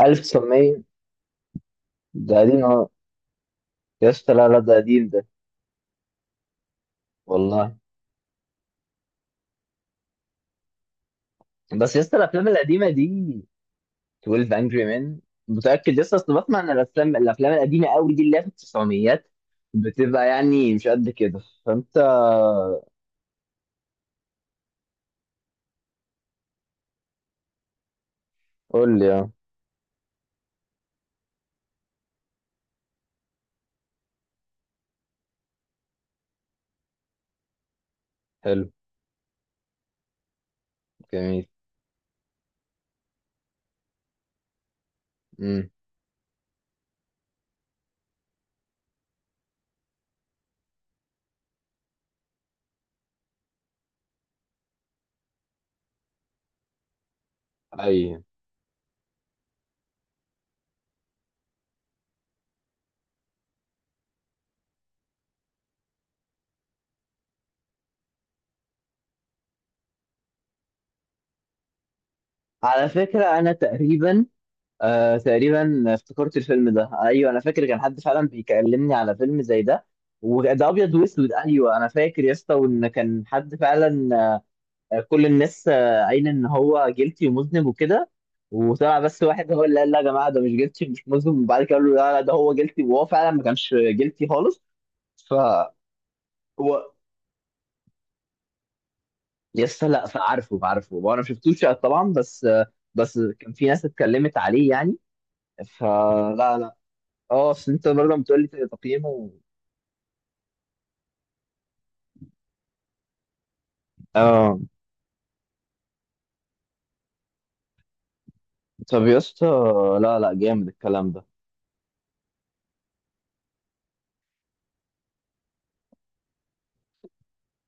1900؟ ده قديم، اه يا اسطى. لا لا، ده قديم ده. والله. بس يا اسطى الافلام القديمه دي، 12 انجري مان؟ متاكد يا اسطى؟ اصل بسمع ان الافلام القديمه قوي دي اللي هي في التسعميات بتبقى مش قد كده، فانت... قول لي اه. حلو. جميل. امم. ايوه. على فكره انا تقريبا، تقريبا افتكرت الفيلم ده، ايوه انا فاكر كان حد فعلا بيكلمني على فيلم زي ده. وده ابيض واسود، ايوه انا فاكر يا اسطى وان كان حد فعلا. كل الناس قايله ان هو جيلتي ومذنب وكده، وطلع بس واحد هو اللي قال لا يا جماعه، ده مش جيلتي مش مذنب، وبعد كده قالوا لا لا ده هو جيلتي، وهو فعلا ما كانش جيلتي خالص. ف هو يس، لا فعارفه عارفه وانا ما شفتوش طبعا، بس بس كان في ناس اتكلمت عليه يعني. فلا لا. اه اصل انت برضه بتقول لي تقييمه. اه. طب يا اسطى، لا لا جامد الكلام ده.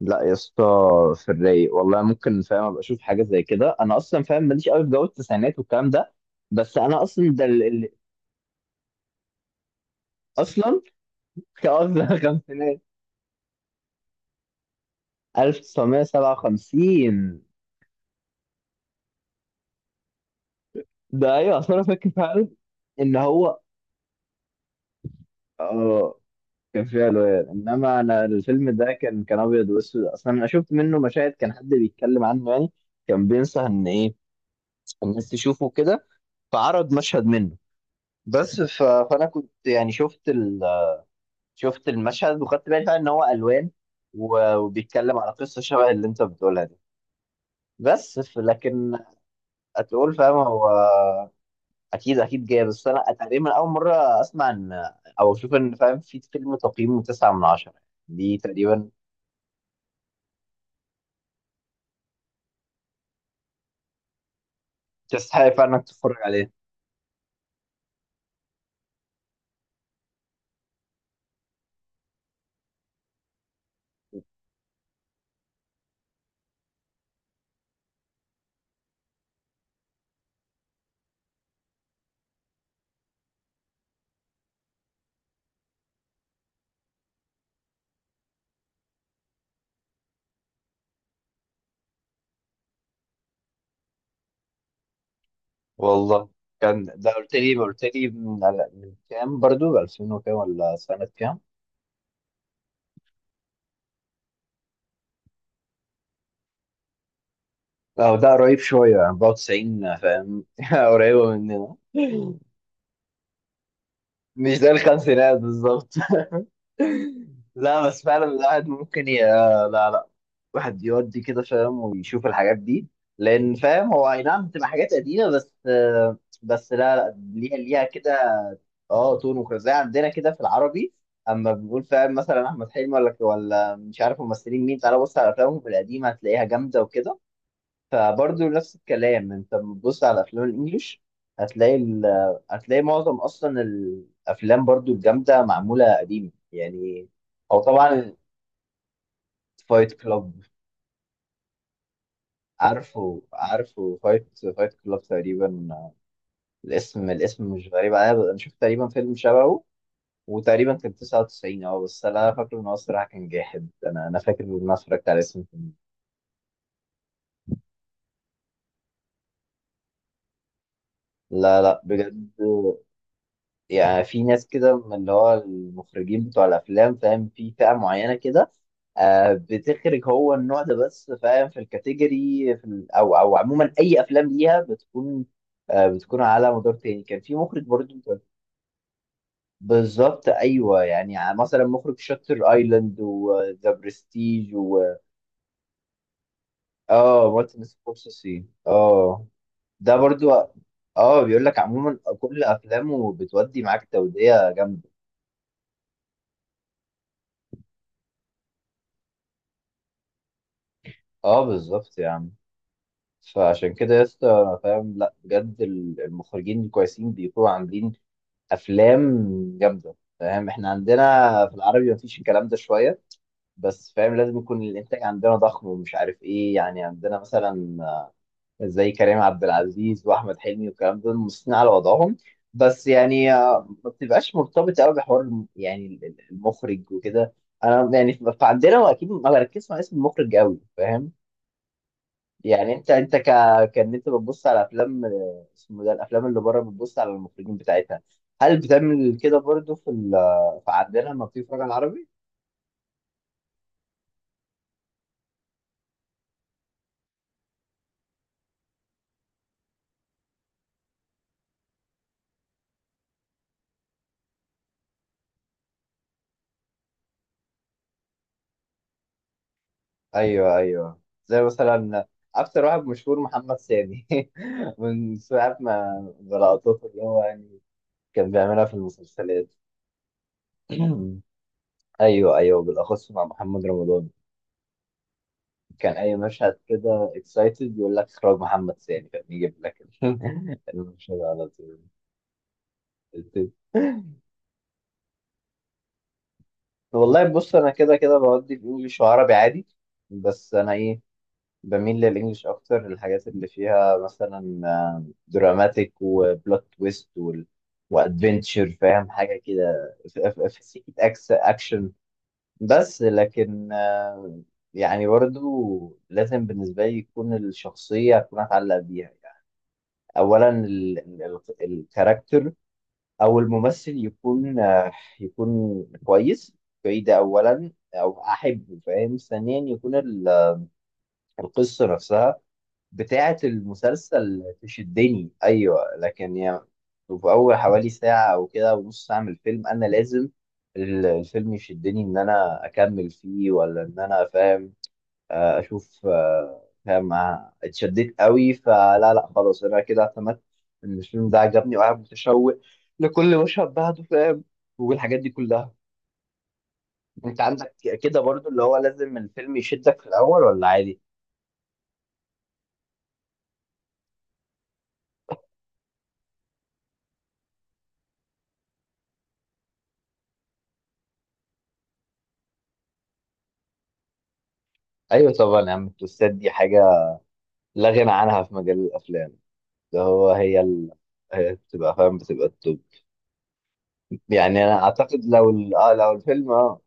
لا يا اسطى، في الرايق والله ممكن فاهم ابقى اشوف حاجه زي كده، انا اصلا فاهم ماليش قوي في جو التسعينات والكلام ده. بس انا اصلا ده اصلا قصدي الخمسينات. 1957. ده ايوه اصلا انا فاكر فعلا ان هو اه كان فيه الوان، انما انا الفيلم ده كان ابيض واسود اصلا، انا شفت منه مشاهد كان حد بيتكلم عنه يعني، كان بينصح ان ايه الناس تشوفه كده، فعرض مشهد منه. بس فانا كنت يعني شفت شفت المشهد وخدت بالي فعلا ان هو الوان، وبيتكلم على قصه شبه اللي انت بتقولها دي. بس لكن هتقول فاهم هو. اكيد اكيد جاي، بس انا تقريبا اول مره اسمع ان، او اشوف ان فاهم في فيلم تقييمه 9 من 10 دي تقريبا. تستحق فعلا انك تتفرج عليه. والله كان ده، قلت لي من كام؟ برضو 2000 وكام ولا سنه كام؟ اه ده قريب شويه يعني 94، فاهم؟ قريبه مننا. مش ده الخمسينات بالظبط. لا، بس فعلا الواحد ممكن لا لا، واحد يودي كده فاهم ويشوف الحاجات دي، لان فاهم هو اي نعم بتبقى حاجات قديمه، بس بس لا لا ليها كده. اه تون وكده زي عندنا كده في العربي، اما بنقول فاهم مثلا احمد حلمي ولا مش عارف ممثلين مين، تعالى بص على افلامهم القديمه هتلاقيها جامده وكده. فبرضه نفس الكلام انت لما تبص على افلام الانجليش، هتلاقي ال... هتلاقي معظم اصلا الافلام برضه الجامده معموله قديم يعني. او طبعا. فايت كلاب. عارفه عارفه، فايت كلاب تقريبا، الاسم مش غريب عليا، انا شفت تقريبا فيلم شبهه، وتقريبا كان 99. اه بس انا فاكر ان هو الصراحه كان جاحد، انا فاكر ان انا اتفرجت على اسم الفيلم. لا لا بجد. يعني في ناس كده من اللي هو المخرجين بتوع الافلام فاهم، في فئه معينه كده، آه بتخرج هو النوع ده، بس فاهم في الكاتيجوري في او عموما اي افلام ليها بتكون، آه بتكون على مدار تاني كان في مخرج برضه. بالظبط ايوه. يعني مثلا مخرج شاتر ايلاند وذا برستيج و... اه، مارتن سكورسيزي اه. ده برضو. اه، بيقول لك عموما كل افلامه بتودي معاك، توديه جامده. اه بالظبط يا عم. فعشان كده يا اسطى انا فاهم لا بجد المخرجين الكويسين بيكونوا عاملين افلام جامده فاهم. احنا عندنا في العربي مفيش الكلام ده شويه، بس فاهم لازم يكون الانتاج عندنا ضخم ومش عارف ايه، يعني عندنا مثلا زي كريم عبد العزيز واحمد حلمي والكلام دول مصرين على وضعهم، بس يعني ما بتبقاش مرتبطه قوي بحوار يعني المخرج وكده. انا يعني فعندنا واكيد ما بركزش مع اسم المخرج قوي فاهم. يعني انت كان انت بتبص على افلام، اسمه ده الافلام اللي بره بتبص على المخرجين بتاعتها، هل بتعمل كده برضو في في عندنا لما بتيجي تتفرج على العربي؟ ايوه ايوه. زي مثلا اكتر واحد مشهور محمد سامي من ساعه ما بلقطته اللي هو يعني كان بيعملها في المسلسلات. ايوه ايوه، بالاخص مع محمد رمضان، كان اي مشهد كده اكسايتد يقول لك اخراج محمد سامي، كان يجيب لك المشهد على طول. والله بص انا كده كده بودي في انجليش وعربي عادي، بس انا ايه، بميل للانجليش اكتر، الحاجات اللي فيها مثلا دراماتيك وبلوت تويست وادفنتشر فاهم، حاجه كده في في سكه أكس اكشن. بس لكن يعني برضو لازم بالنسبه لي يكون الشخصيه اكون اتعلق بيها يعني، اولا الكاركتر او الممثل يكون يكون كويس. كويس ده اولا، او احبه فاهم. ثانيا يكون القصه نفسها بتاعه المسلسل تشدني، ايوه لكن يعني، في اول حوالي ساعه او كده ونص ساعه من الفيلم انا لازم الفيلم يشدني ان انا اكمل فيه، ولا ان انا فاهم اشوف فاهم اتشددت قوي، فلا لا خلاص انا كده اعتمدت ان الفيلم ده عجبني وقاعد متشوق لكل مشهد بعده فاهم، والحاجات دي كلها. انت عندك كده برضو اللي هو لازم الفيلم يشدك في الاول ولا عادي؟ ايوه طبعا يا عم، التوستات دي حاجه لا غنى عنها في مجال الافلام. ده هو هي بتبقى فاهم بتبقى التوب. يعني انا اعتقد لو آه لو الفيلم اه...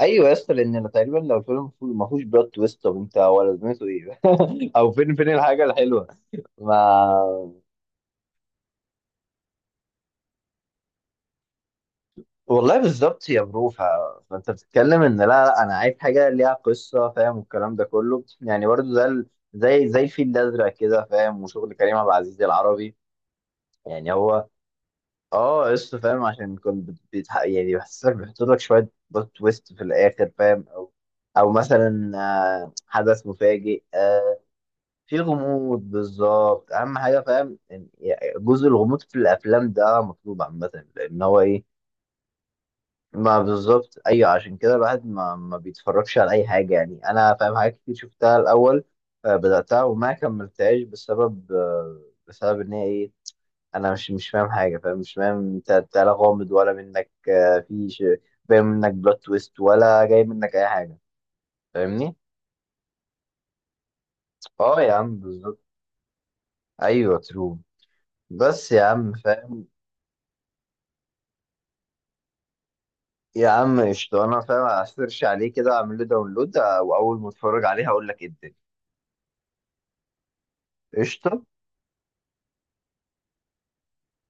ايوه يا اسطى، لان أنا تقريبا لو الفيلم ما فيهوش بلوت تويست، طب انت هو لازمته ايه؟ او فين، فين الحاجه الحلوه؟ ما والله بالظبط يا برو. فانت بتتكلم ان لا لا انا عايز حاجه ليها قصه فاهم والكلام ده كله، يعني برضو زي زي الفيل الازرق كده فاهم وشغل كريم عبد العزيز العربي يعني هو. اه، قصه فاهم، عشان كنت يعني بيحسسك بيحط لك شويه بلوت تويست في الاخر فاهم، او او مثلا حدث مفاجئ في غموض. بالظبط، اهم حاجه فاهم يعني جزء الغموض في الافلام ده مطلوب عامه، لان هو ايه. ما بالظبط ايوه، عشان كده الواحد ما بيتفرجش على اي حاجه، يعني انا فاهم حاجات كتير شفتها الاول بداتها وما كملتهاش بسبب بسبب ان هي ايه، انا مش فاهم حاجه فاهم، مش فاهم انت، أنت لا غامض ولا منك في باين منك بلوت تويست، ولا جاي منك اي حاجه، فاهمني. اه يا عم بالظبط. ايوه ترو. بس يا عم فاهم. يا عم قشطة، أنا فاهم هسيرش عليه كده أعمل له داونلود وأول ما أتفرج عليه هقول لك إيه الدنيا. قشطة.